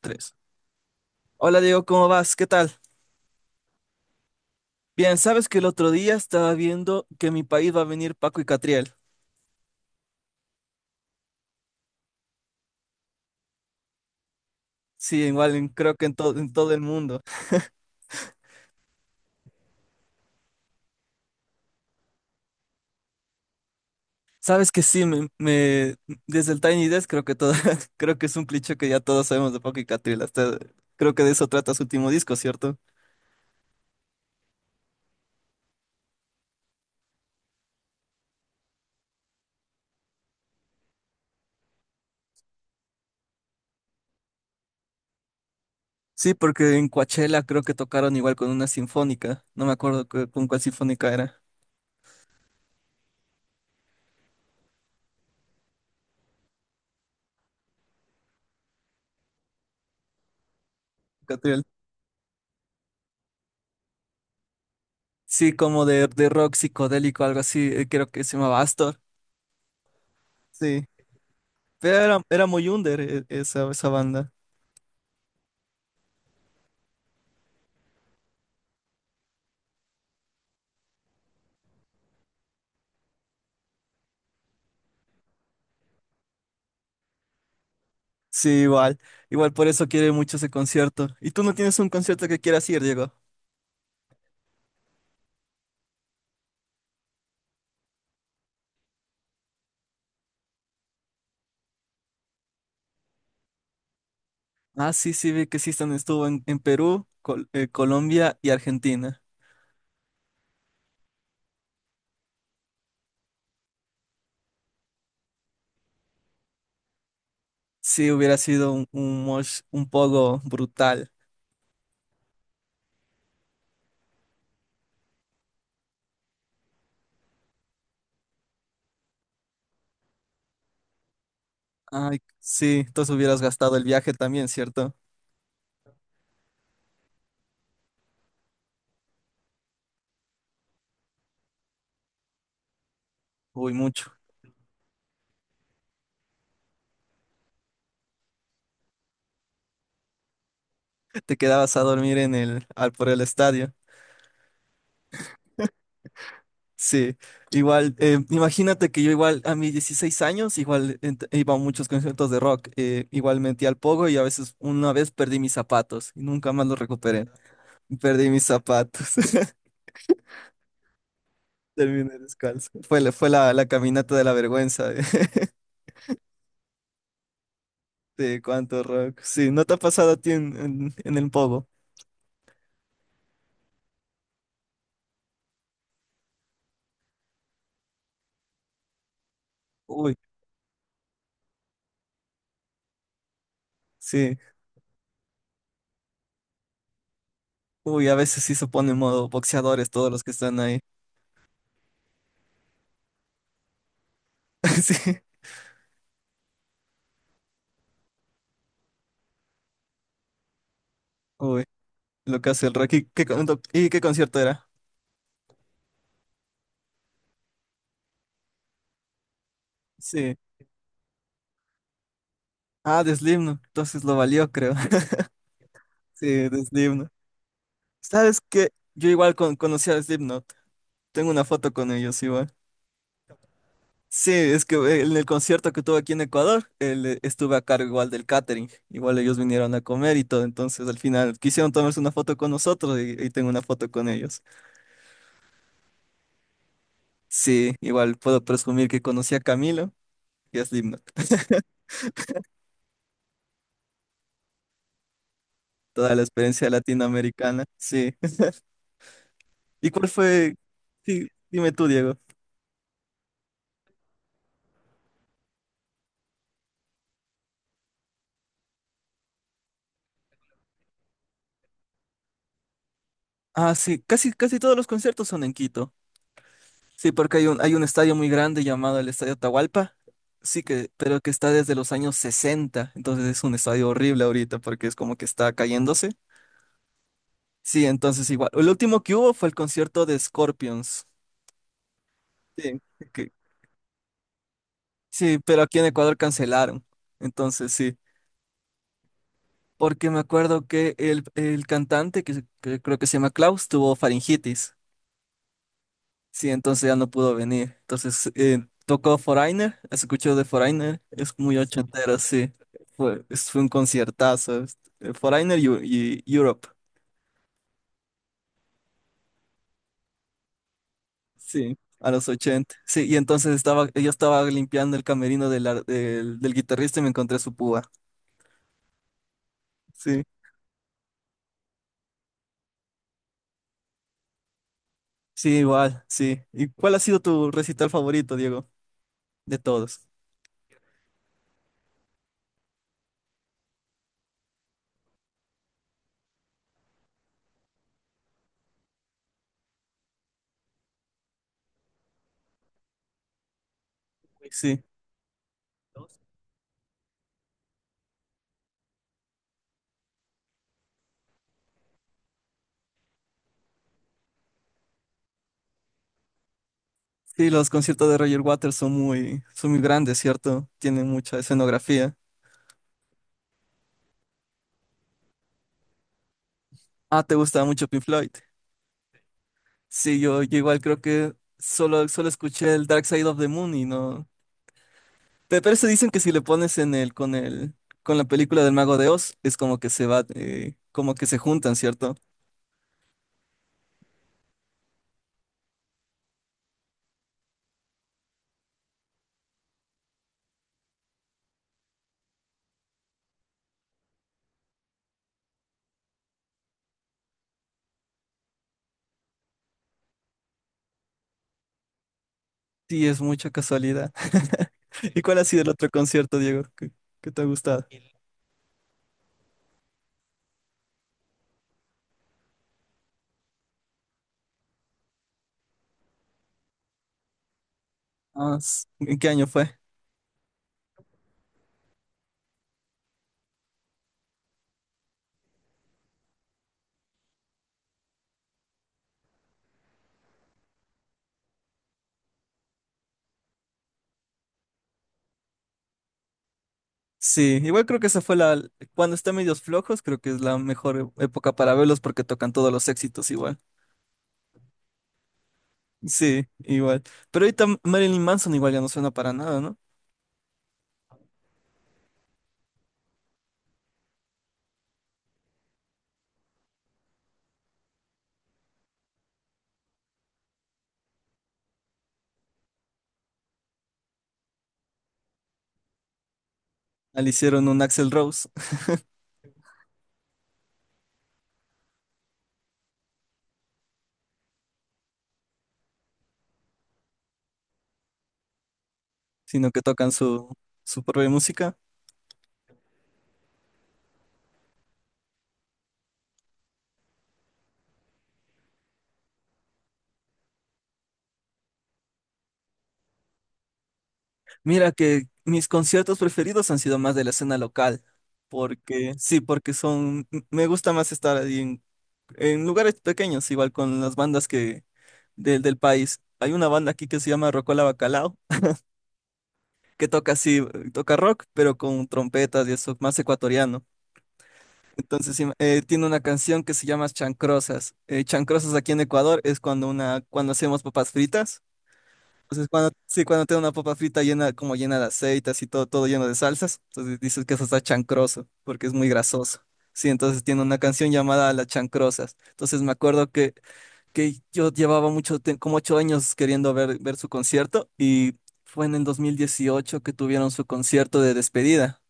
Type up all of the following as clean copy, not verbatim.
Tres. Hola Diego, ¿cómo vas? ¿Qué tal? Bien, sabes que el otro día estaba viendo que en mi país va a venir Paco y Catriel. Sí, igual creo que en todo el mundo. Sabes que sí, desde el Tiny Desk creo que todo, creo que es un cliché que ya todos sabemos de Paco y Catriel. Hasta, creo que de eso trata su último disco, ¿cierto? Sí, porque en Coachella creo que tocaron igual con una sinfónica. No me acuerdo con cuál sinfónica era. Catriel. Sí, como de rock psicodélico, algo así. Creo que se llamaba Astor. Sí. Pero era muy under esa, esa banda. Sí, igual. Igual por eso quiere mucho ese concierto. ¿Y tú no tienes un concierto que quieras ir, Diego? Ah, sí, sí, vi que sí están, estuvo en Perú, Colombia y Argentina. Sí, hubiera sido un mosh un poco brutal. Ay, sí, entonces hubieras gastado el viaje también, ¿cierto? Uy, mucho. Te quedabas a dormir en el, al, por el estadio. Sí, igual, imagínate que yo igual a mis 16 años, igual iba a muchos conciertos de rock, igual metí al pogo y a veces una vez perdí mis zapatos y nunca más los recuperé. Perdí mis zapatos, terminé descalzo. Fue la, la caminata de la vergüenza de, cuánto rock. Sí, ¿no te ha pasado a ti en, en el pogo? Uy, sí, uy, a veces sí se pone en modo boxeadores todos los que están ahí. Sí, uy, lo que hace el rock. ¿Y qué, y qué concierto era? Sí. Ah, de Slipknot, entonces lo valió, creo. Sí, de Slipknot. ¿Sabes qué? Yo igual conocí a Slipknot. Tengo una foto con ellos igual. Sí, es que en el concierto que tuve aquí en Ecuador, él, estuve a cargo igual del catering. Igual ellos vinieron a comer y todo, entonces al final quisieron tomarse una foto con nosotros y tengo una foto con ellos. Sí, igual puedo presumir que conocí a Camilo y a Slipknot. Toda la experiencia latinoamericana, sí. ¿Y cuál fue? Sí, dime tú, Diego. Ah, sí, casi, casi todos los conciertos son en Quito. Sí, porque hay un estadio muy grande llamado el Estadio Atahualpa, sí que, pero que está desde los años 60, entonces es un estadio horrible ahorita porque es como que está cayéndose. Sí, entonces igual. El último que hubo fue el concierto de Scorpions. Sí, que- sí, pero aquí en Ecuador cancelaron. Entonces sí, porque me acuerdo que el cantante, que creo que se llama Klaus, tuvo faringitis. Sí, entonces ya no pudo venir. Entonces tocó Foreigner, escuchó de Foreigner, es muy ochentero, sí. Fue un conciertazo. Foreigner y Europe, sí, a los 80. Sí, y entonces estaba, yo estaba limpiando el camerino del, del guitarrista y me encontré su púa. Sí, sí, igual, sí. ¿Y cuál ha sido tu recital favorito, Diego? De todos. Sí. Sí, los conciertos de Roger Waters son muy grandes, ¿cierto? Tienen mucha escenografía. Ah, ¿te gusta mucho Pink Floyd? Sí, yo igual creo que solo escuché el Dark Side of the Moon y no. Pero se dicen que si le pones en el, con la película del Mago de Oz, es como que se va, como que se juntan, ¿cierto? Sí, es mucha casualidad. ¿Y cuál ha sido el otro concierto, Diego, que te ha gustado? Ah, ¿en qué año fue? Sí, igual creo que esa fue la, cuando está medios flojos, creo que es la mejor época para verlos porque tocan todos los éxitos igual. Sí, igual. Pero ahorita Marilyn Manson igual ya no suena para nada, ¿no? Al hicieron un Axl Rose, sino que tocan su, su propia música. Mira que mis conciertos preferidos han sido más de la escena local, porque sí, porque son, me gusta más estar ahí en lugares pequeños, igual con las bandas que del país. Hay una banda aquí que se llama Rocola Bacalao, que toca así, toca rock, pero con trompetas y eso, más ecuatoriano. Entonces, sí, tiene una canción que se llama Chancrosas. Chancrosas aquí en Ecuador es cuando una, cuando hacemos papas fritas. Entonces, cuando, sí, cuando tiene una papa frita llena, como llena de aceite, así todo, todo lleno de salsas, entonces dices que eso está chancroso, porque es muy grasoso. Sí, entonces tiene una canción llamada Las Chancrosas. Entonces me acuerdo que yo llevaba mucho, como 8 años queriendo ver, ver su concierto y fue en el 2018 que tuvieron su concierto de despedida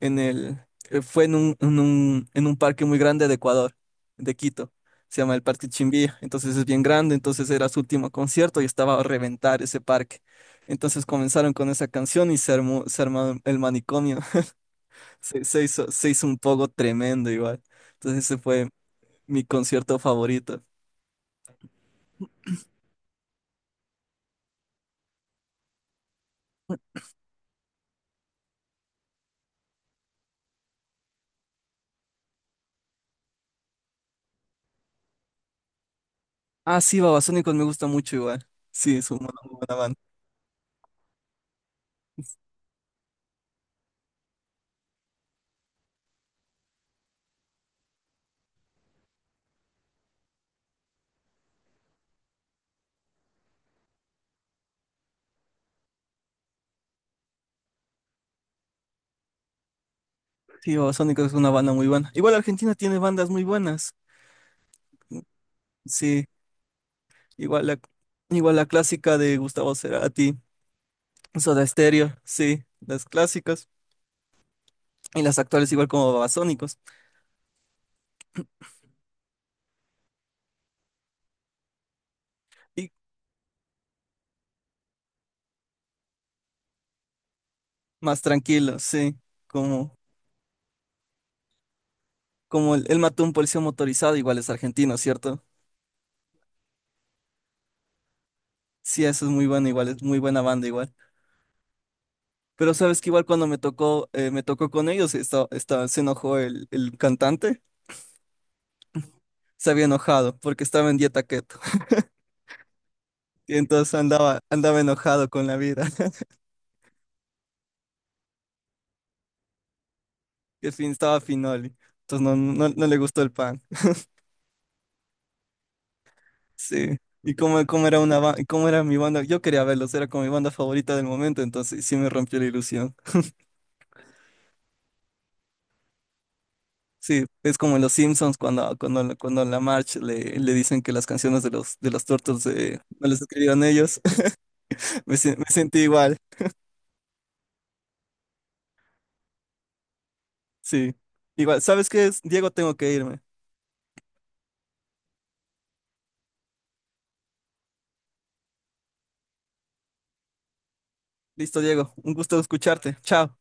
en el, fue en un, en un, en un parque muy grande de Ecuador, de Quito. Se llama el Parque Chimbía, entonces es bien grande, entonces era su último concierto y estaba a reventar ese parque. Entonces comenzaron con esa canción y se armó el manicomio. Se, se hizo un poco tremendo igual. Entonces ese fue mi concierto favorito. Ah, sí, Babasónicos me gusta mucho igual. Sí, es una muy buena banda. Sí, Babasónicos es una banda muy buena. Igual Argentina tiene bandas muy buenas. Sí. Igual la, igual la clásica de Gustavo Cerati, Soda Stereo, sí, las clásicas. Y las actuales igual como Babasónicos. Y más tranquilos sí. Como, como el él mató a un policía motorizado, igual es argentino, ¿cierto? Sí, eso es muy bueno, igual es muy buena banda igual. Pero sabes que igual cuando me tocó con ellos, se enojó el cantante, se había enojado porque estaba en dieta keto. Y entonces andaba enojado con la vida. Que fin, estaba finoli. Entonces no le gustó el pan. Sí. ¿Y cómo, cómo era mi banda? Yo quería verlos, era como mi banda favorita del momento, entonces sí me rompió la ilusión. Sí, es como en los Simpsons cuando en la March le, le dicen que las canciones de los Turtles no las escribieron ellos. Me, me sentí igual, sí. Igual, ¿sabes qué es? Diego, tengo que irme. Listo, Diego, un gusto escucharte. Chao.